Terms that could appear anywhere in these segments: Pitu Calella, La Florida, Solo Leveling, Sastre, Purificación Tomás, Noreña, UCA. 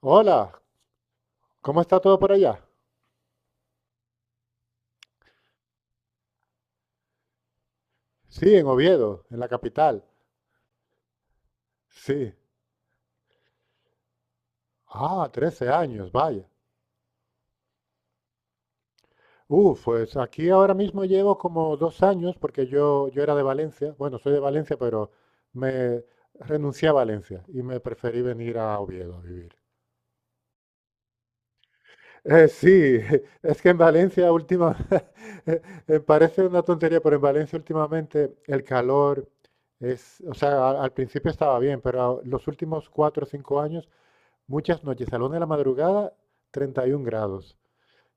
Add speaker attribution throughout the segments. Speaker 1: Hola, ¿cómo está todo por allá? Sí, en Oviedo, en la capital. Sí. Ah, 13 años, vaya. Uf, pues aquí ahora mismo llevo como 2 años porque yo era de Valencia. Bueno, soy de Valencia, pero me renuncié a Valencia y me preferí venir a Oviedo a vivir. Sí, es que en Valencia última, eh, parece una tontería, pero en Valencia últimamente el calor es, o sea, principio estaba bien, pero los últimos 4 o 5 años. Muchas noches, a la una de la madrugada, 31 grados.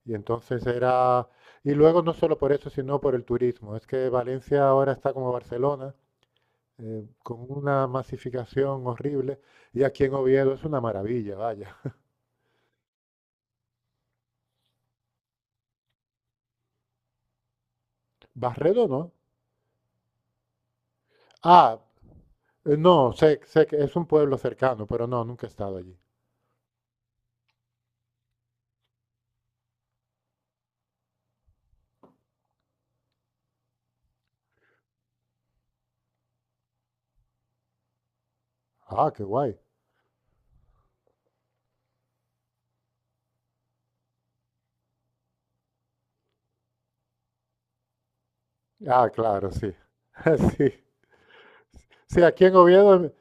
Speaker 1: Y entonces era… Y luego no solo por eso, sino por el turismo. Es que Valencia ahora está como Barcelona, con una masificación horrible. Y aquí en Oviedo es una maravilla, vaya. Barredo no. Ah, no, sé que es un pueblo cercano, pero no, nunca he estado allí. Ah, qué guay. Ah, claro, sí. Sí, sí, aquí en Oviedo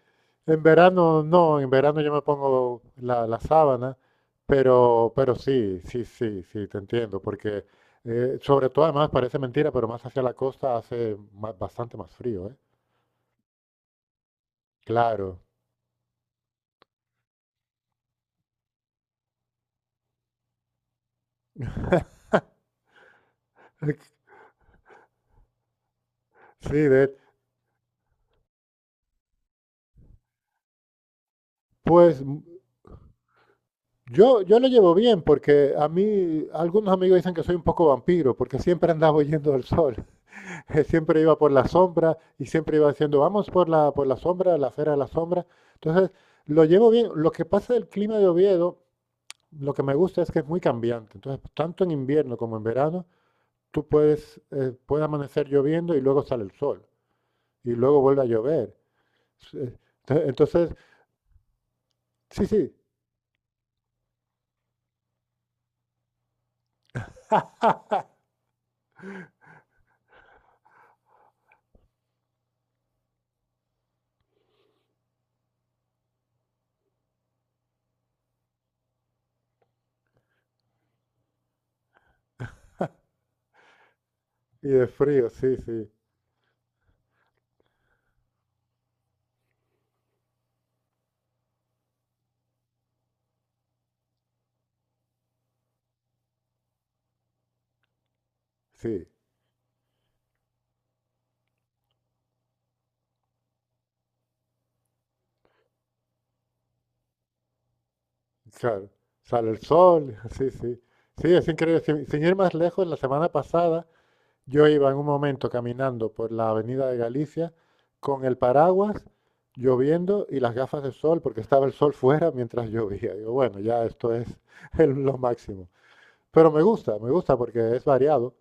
Speaker 1: en verano no, en verano yo me pongo la sábana, pero sí, sí, sí, sí, te entiendo, porque sobre todo además parece mentira, pero más hacia la costa hace bastante más frío, ¿eh? Claro. Sí, pues m- yo lo llevo bien, porque a mí algunos amigos dicen que soy un poco vampiro, porque siempre andaba huyendo del sol, siempre iba por la sombra y siempre iba diciendo, vamos por la sombra, la acera de la sombra. Entonces, lo llevo bien. Lo que pasa del clima de Oviedo, lo que me gusta es que es muy cambiante. Entonces, tanto en invierno como en verano, puede amanecer lloviendo y luego sale el sol. Y luego vuelve a llover. Sí, entonces, sí, sí. Y de frío, sí, sí, sí. Claro. Sale el sol, sí, sí. Sí, es increíble. Sin ir más lejos, la semana pasada yo iba en un momento caminando por la avenida de Galicia con el paraguas, lloviendo y las gafas de sol, porque estaba el sol fuera mientras llovía. Digo, bueno, ya esto es lo máximo. Pero me gusta porque es variado.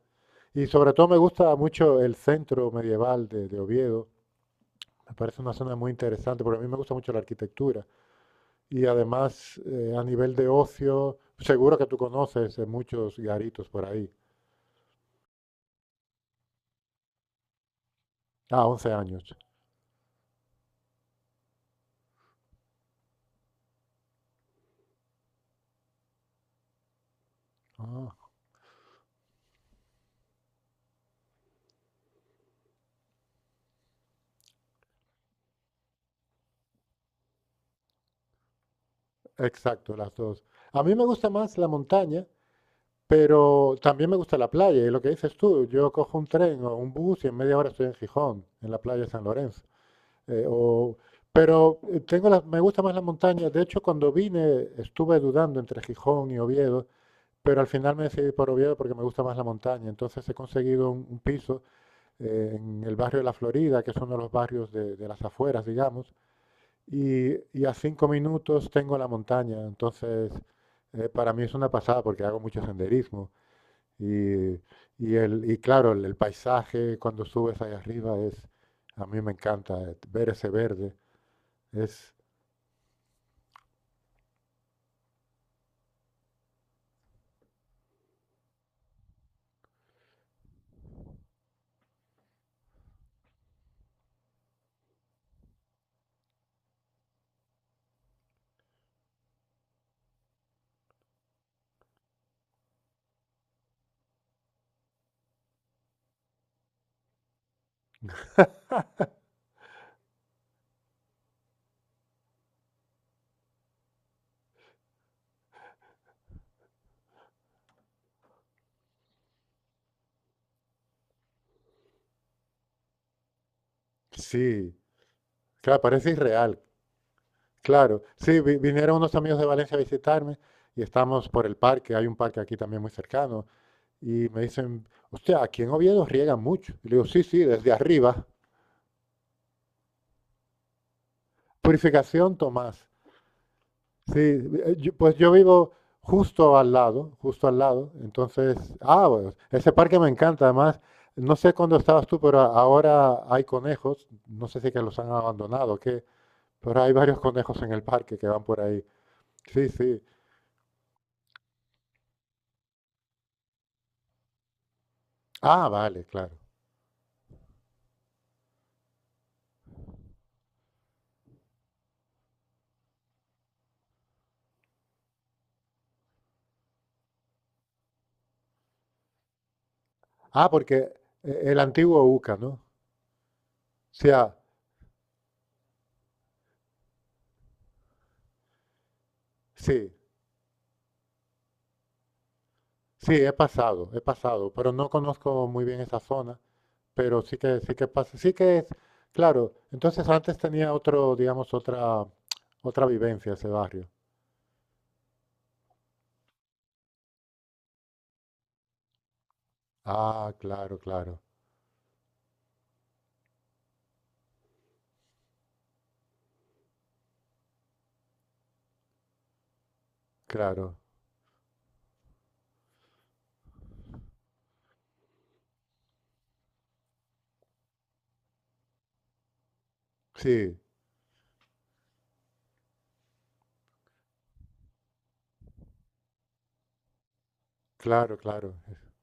Speaker 1: Y sobre todo me gusta mucho el centro medieval de Oviedo. Me parece una zona muy interesante, porque a mí me gusta mucho la arquitectura. Y además, a nivel de ocio, seguro que tú conoces muchos garitos por ahí. Ah, 11 años. Ah. Exacto, las dos. A mí me gusta más la montaña, pero también me gusta la playa. Y lo que dices tú, yo cojo un tren o un bus y en media hora estoy en Gijón, en la playa de San Lorenzo. Eh, o- pero tengo me gusta más la montaña. De hecho, cuando vine estuve dudando entre Gijón y Oviedo, pero al final me decidí por Oviedo porque me gusta más la montaña. Entonces he conseguido un piso en el barrio de La Florida, que es uno de los barrios de las afueras, digamos. Y a 5 minutos tengo la montaña, entonces para mí es una pasada porque hago mucho senderismo. Y, y claro, el paisaje cuando subes ahí arriba es, a mí me encanta ver ese verde. Es, sí, claro, parece irreal. Claro, sí, vinieron unos amigos de Valencia a visitarme y estamos por el parque, hay un parque aquí también muy cercano, y me dicen, hostia, aquí en Oviedo riegan mucho. Y le digo, sí, sí, desde arriba. Purificación Tomás. Sí, pues yo vivo justo al lado, justo al lado. Entonces, ah, bueno, ese parque me encanta. Además, no sé cuándo estabas tú, pero ahora hay conejos. No sé si que los han abandonado, ¿qué? Pero hay varios conejos en el parque que van por ahí. Sí, sí. Ah, vale, claro. Ah, porque el antiguo UCA, ¿no? Sí, ah, sí, sí, he pasado, pero no conozco muy bien esa zona, pero sí que pasa, sí que es, claro. Entonces antes tenía otro, digamos, otra vivencia ese barrio. Ah, claro, claro, claro. Sí, claro, claro,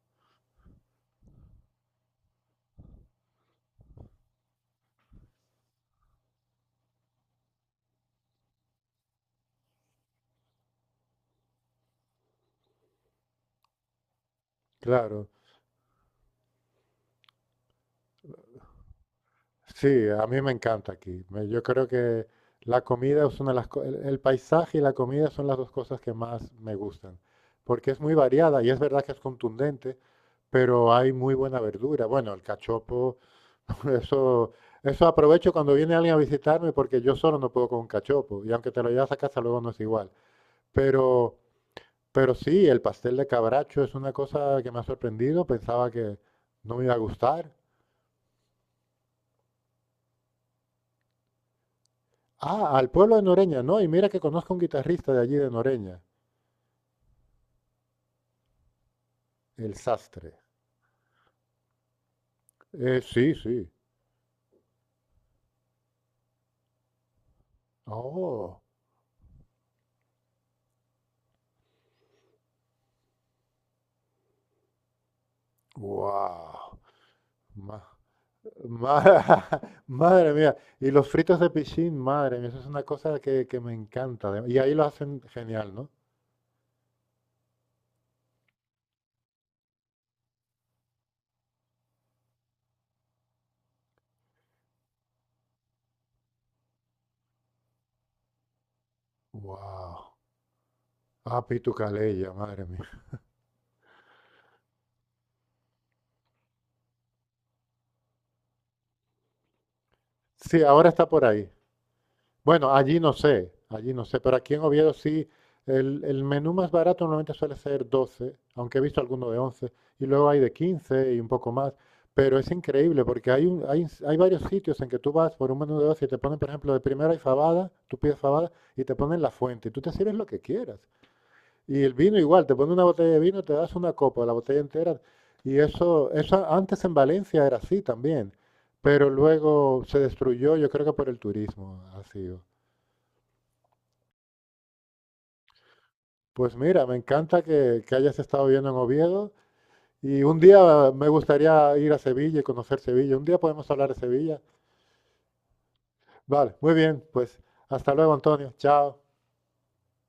Speaker 1: claro. Sí, a mí me encanta aquí. Yo creo que la comida es una de las co- el paisaje y la comida son las dos cosas que más me gustan, porque es muy variada y es verdad que es contundente, pero hay muy buena verdura. Bueno, el cachopo, eso eso aprovecho cuando viene alguien a visitarme porque yo solo no puedo con un cachopo y aunque te lo llevas a casa luego no es igual. Pero sí, el pastel de cabracho es una cosa que me ha sorprendido. Pensaba que no me iba a gustar. Ah, al pueblo de Noreña, no. Y mira que conozco a un guitarrista de allí de Noreña, el Sastre. Sí, sí. Oh, wow. Ma- ma- madre mía. Y los fritos de pichín, madre mía. Eso es una cosa que me encanta. Y ahí lo hacen genial, ¿no? Wow. Ah, Pitu Calella, madre mía. Sí, ahora está por ahí. Bueno, allí no sé, pero aquí en Oviedo sí, el menú más barato normalmente suele ser 12, aunque he visto alguno de 11, y luego hay de 15 y un poco más, pero es increíble porque hay varios sitios en que tú vas por un menú de 12 y te ponen, por ejemplo, de primera y fabada, tú pides fabada y te ponen la fuente, y tú te sirves lo que quieras. Y el vino igual, te ponen una botella de vino, te das una copa, la botella entera, y eso antes en Valencia era así también, pero luego se destruyó, yo creo que por el turismo ha sido. Pues mira, me encanta que hayas estado viviendo en Oviedo y un día me gustaría ir a Sevilla y conocer Sevilla. Un día podemos hablar de Sevilla. Vale, muy bien, pues hasta luego, Antonio. Chao.